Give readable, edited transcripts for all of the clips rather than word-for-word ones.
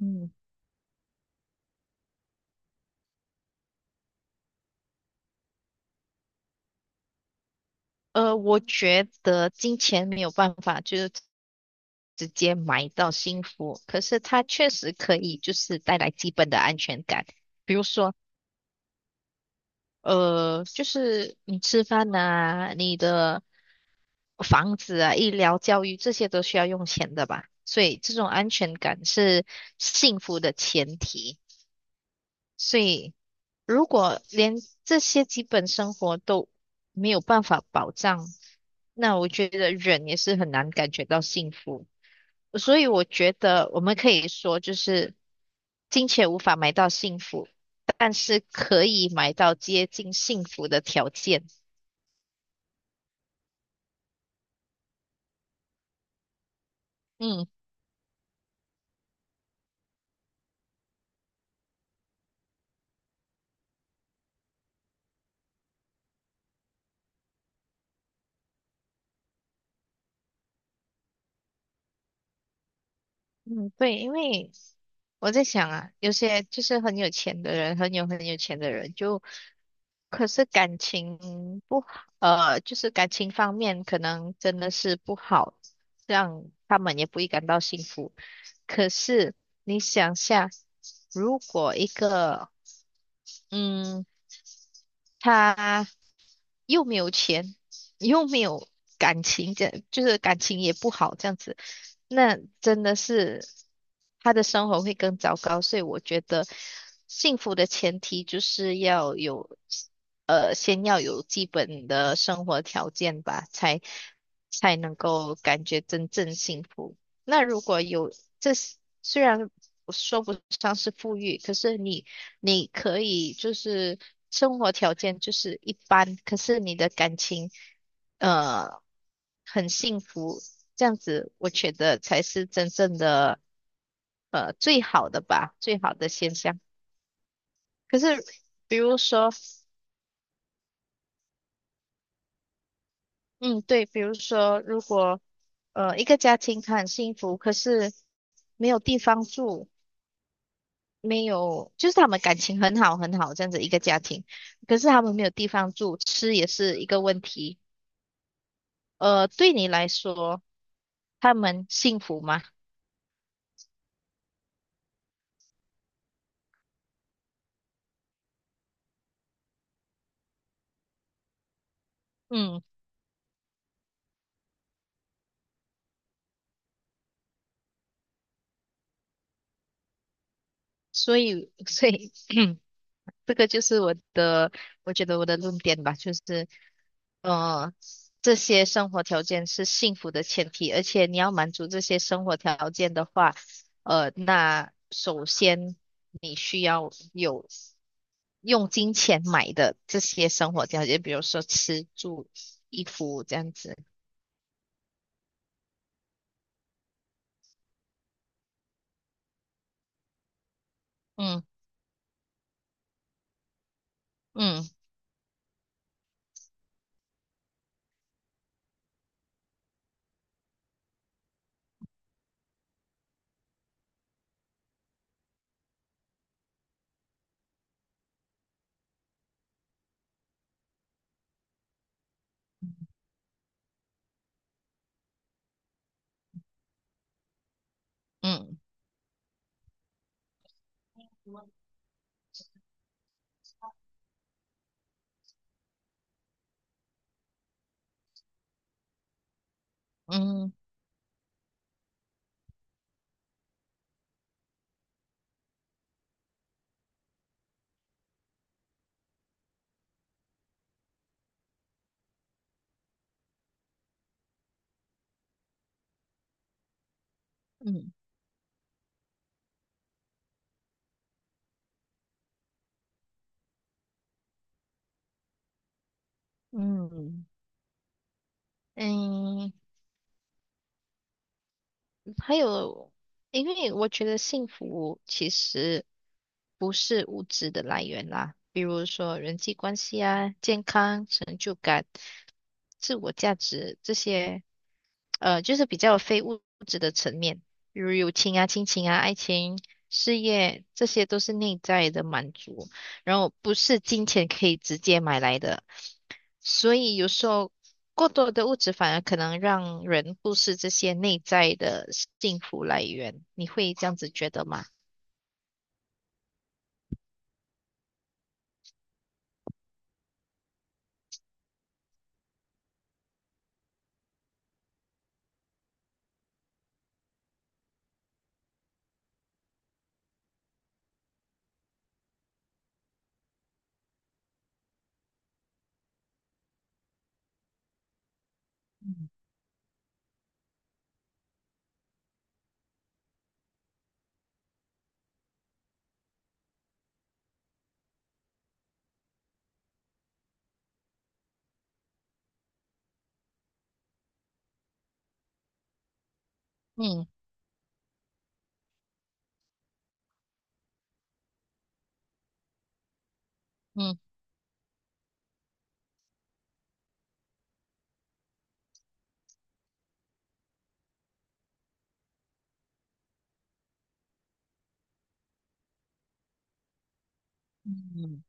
嗯我觉得金钱没有办法直接买到幸福，可是它确实可以带来基本的安全感，比如说，就是你吃饭呐、你的房子啊、医疗、教育这些都需要用钱的吧，所以这种安全感是幸福的前提。所以，如果连这些基本生活都没有办法保障，那我觉得人也是很难感觉到幸福。所以，我觉得我们可以说，就是金钱无法买到幸福，但是可以买到接近幸福的条件。嗯。嗯，对，因为我在想啊，有些就是很有钱的人，很有钱的人，就可是感情不好，就是感情方面可能真的是不好，让他们也不会感到幸福。可是你想下，如果一个，嗯，他又没有钱，又没有感情，这就是感情也不好，这样子，那真的是他的生活会更糟糕。所以我觉得，幸福的前提就是要有，先要有基本的生活条件吧，才能够感觉真正幸福。那如果有这，虽然我说不上是富裕，可是你可以就是生活条件就是一般，可是你的感情呃很幸福，这样子我觉得才是真正的最好的吧，最好的现象。可是比如说，嗯，对，比如说如果一个家庭他很幸福，可是没有地方住，没有就是他们感情很好这样子一个家庭，可是他们没有地方住，吃也是一个问题。呃，对你来说。他们幸福吗？嗯，所以 所以 这个就是我的，我觉得我的论点吧，就是呃，这些生活条件是幸福的前提，而且你要满足这些生活条件的话，呃，那首先你需要有用金钱买的这些生活条件，比如说吃住衣服这样子。嗯嗯嗯嗯嗯嗯嗯，还有，因为我觉得幸福其实不是物质的来源啦，比如说人际关系啊、健康、成就感、自我价值这些，就是比较非物质的层面，比如友情啊、亲情啊、爱情、事业，这些都是内在的满足，然后不是金钱可以直接买来的。所以有时候过多的物质反而可能让人忽视这些内在的幸福来源，你会这样子觉得吗？嗯嗯嗯嗯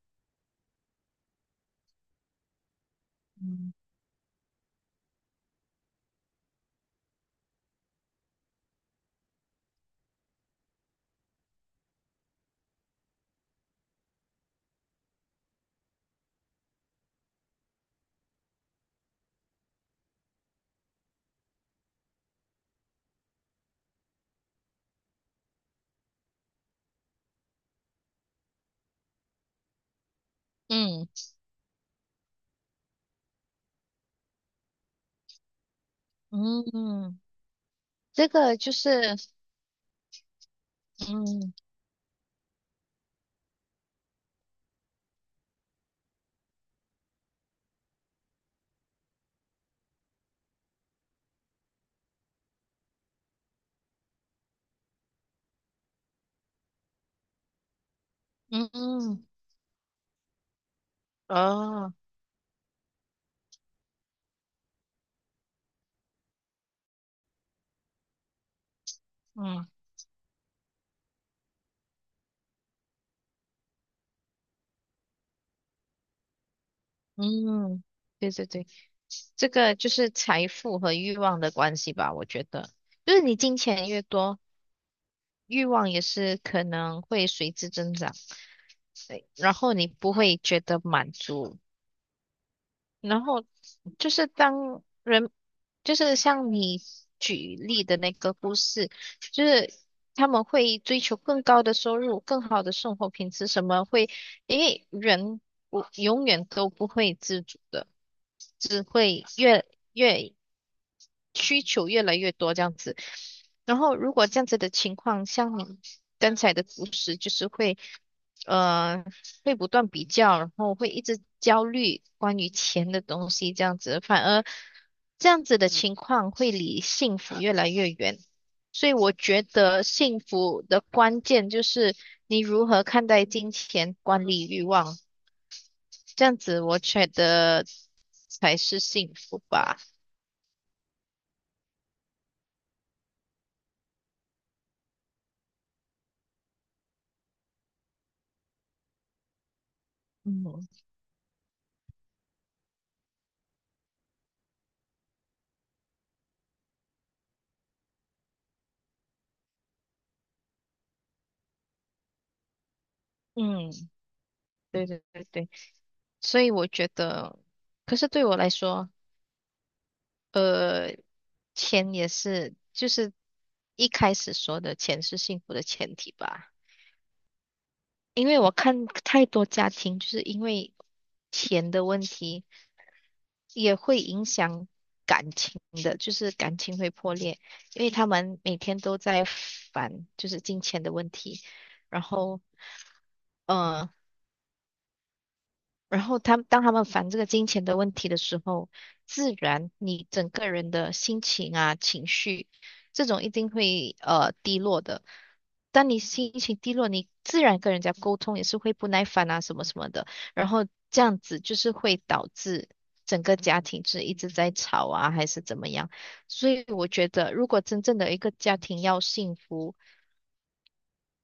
嗯嗯嗯，这个就是嗯嗯嗯哦嗯。嗯，对对对，这个就是财富和欲望的关系吧，我觉得，就是你金钱越多，欲望也是可能会随之增长，对，然后你不会觉得满足，然后就是当人，就是像你举例的那个故事，就是他们会追求更高的收入、更好的生活品质，什么会，因为人不永远都不会知足的。只会越需求越来越多这样子。然后如果这样子的情况，像你刚才的故事，就是会呃会不断比较，然后会一直焦虑关于钱的东西这样子，反而这样子的情况会离幸福越来越远。所以我觉得幸福的关键就是你如何看待金钱、管理欲望，这样子我觉得才是幸福吧。嗯嗯，对对对对，所以我觉得，可是对我来说，钱也是，就是一开始说的钱是幸福的前提吧。因为我看太多家庭，就是因为钱的问题，也会影响感情的，就是感情会破裂，因为他们每天都在烦，就是金钱的问题，然后。嗯，然后他们当他们烦这个金钱的问题的时候，自然你整个人的心情啊、情绪，这种一定会低落的。当你心情低落，你自然跟人家沟通也是会不耐烦啊，什么什么的。然后这样子就是会导致整个家庭是一直在吵啊，还是怎么样。所以我觉得，如果真正的一个家庭要幸福，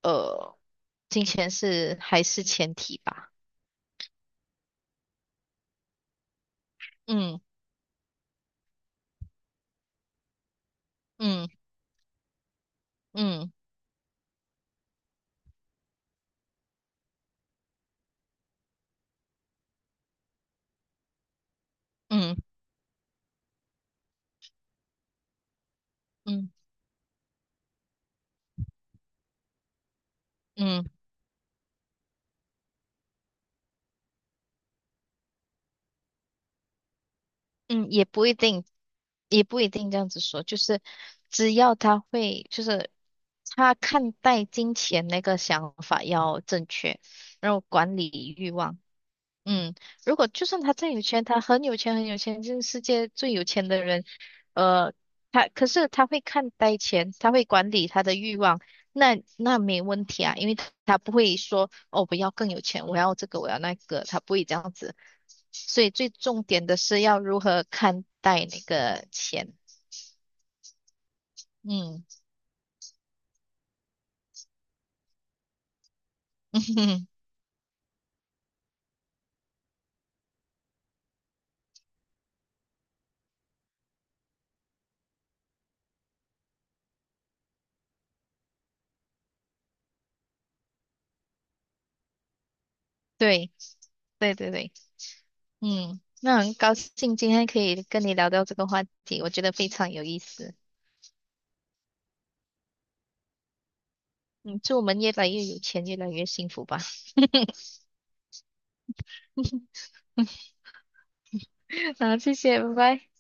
呃，金钱是还是前提吧。嗯嗯嗯嗯嗯。嗯嗯，也不一定，也不一定这样子说，就是只要他会，就是他看待金钱那个想法要正确，然后管理欲望。嗯，如果就算他再有钱，很有钱就是世界最有钱的人，呃，他可是他会看待钱，他会管理他的欲望，那没问题啊，因为他不会说哦，我要更有钱，我要这个，我要那个，他不会这样子。所以最重点的是要如何看待那个钱。嗯，对对对对，嗯，那很高兴今天可以跟你聊到这个话题，我觉得非常有意思。嗯，祝我们越来越有钱，越来越幸福吧。好，谢谢，拜拜。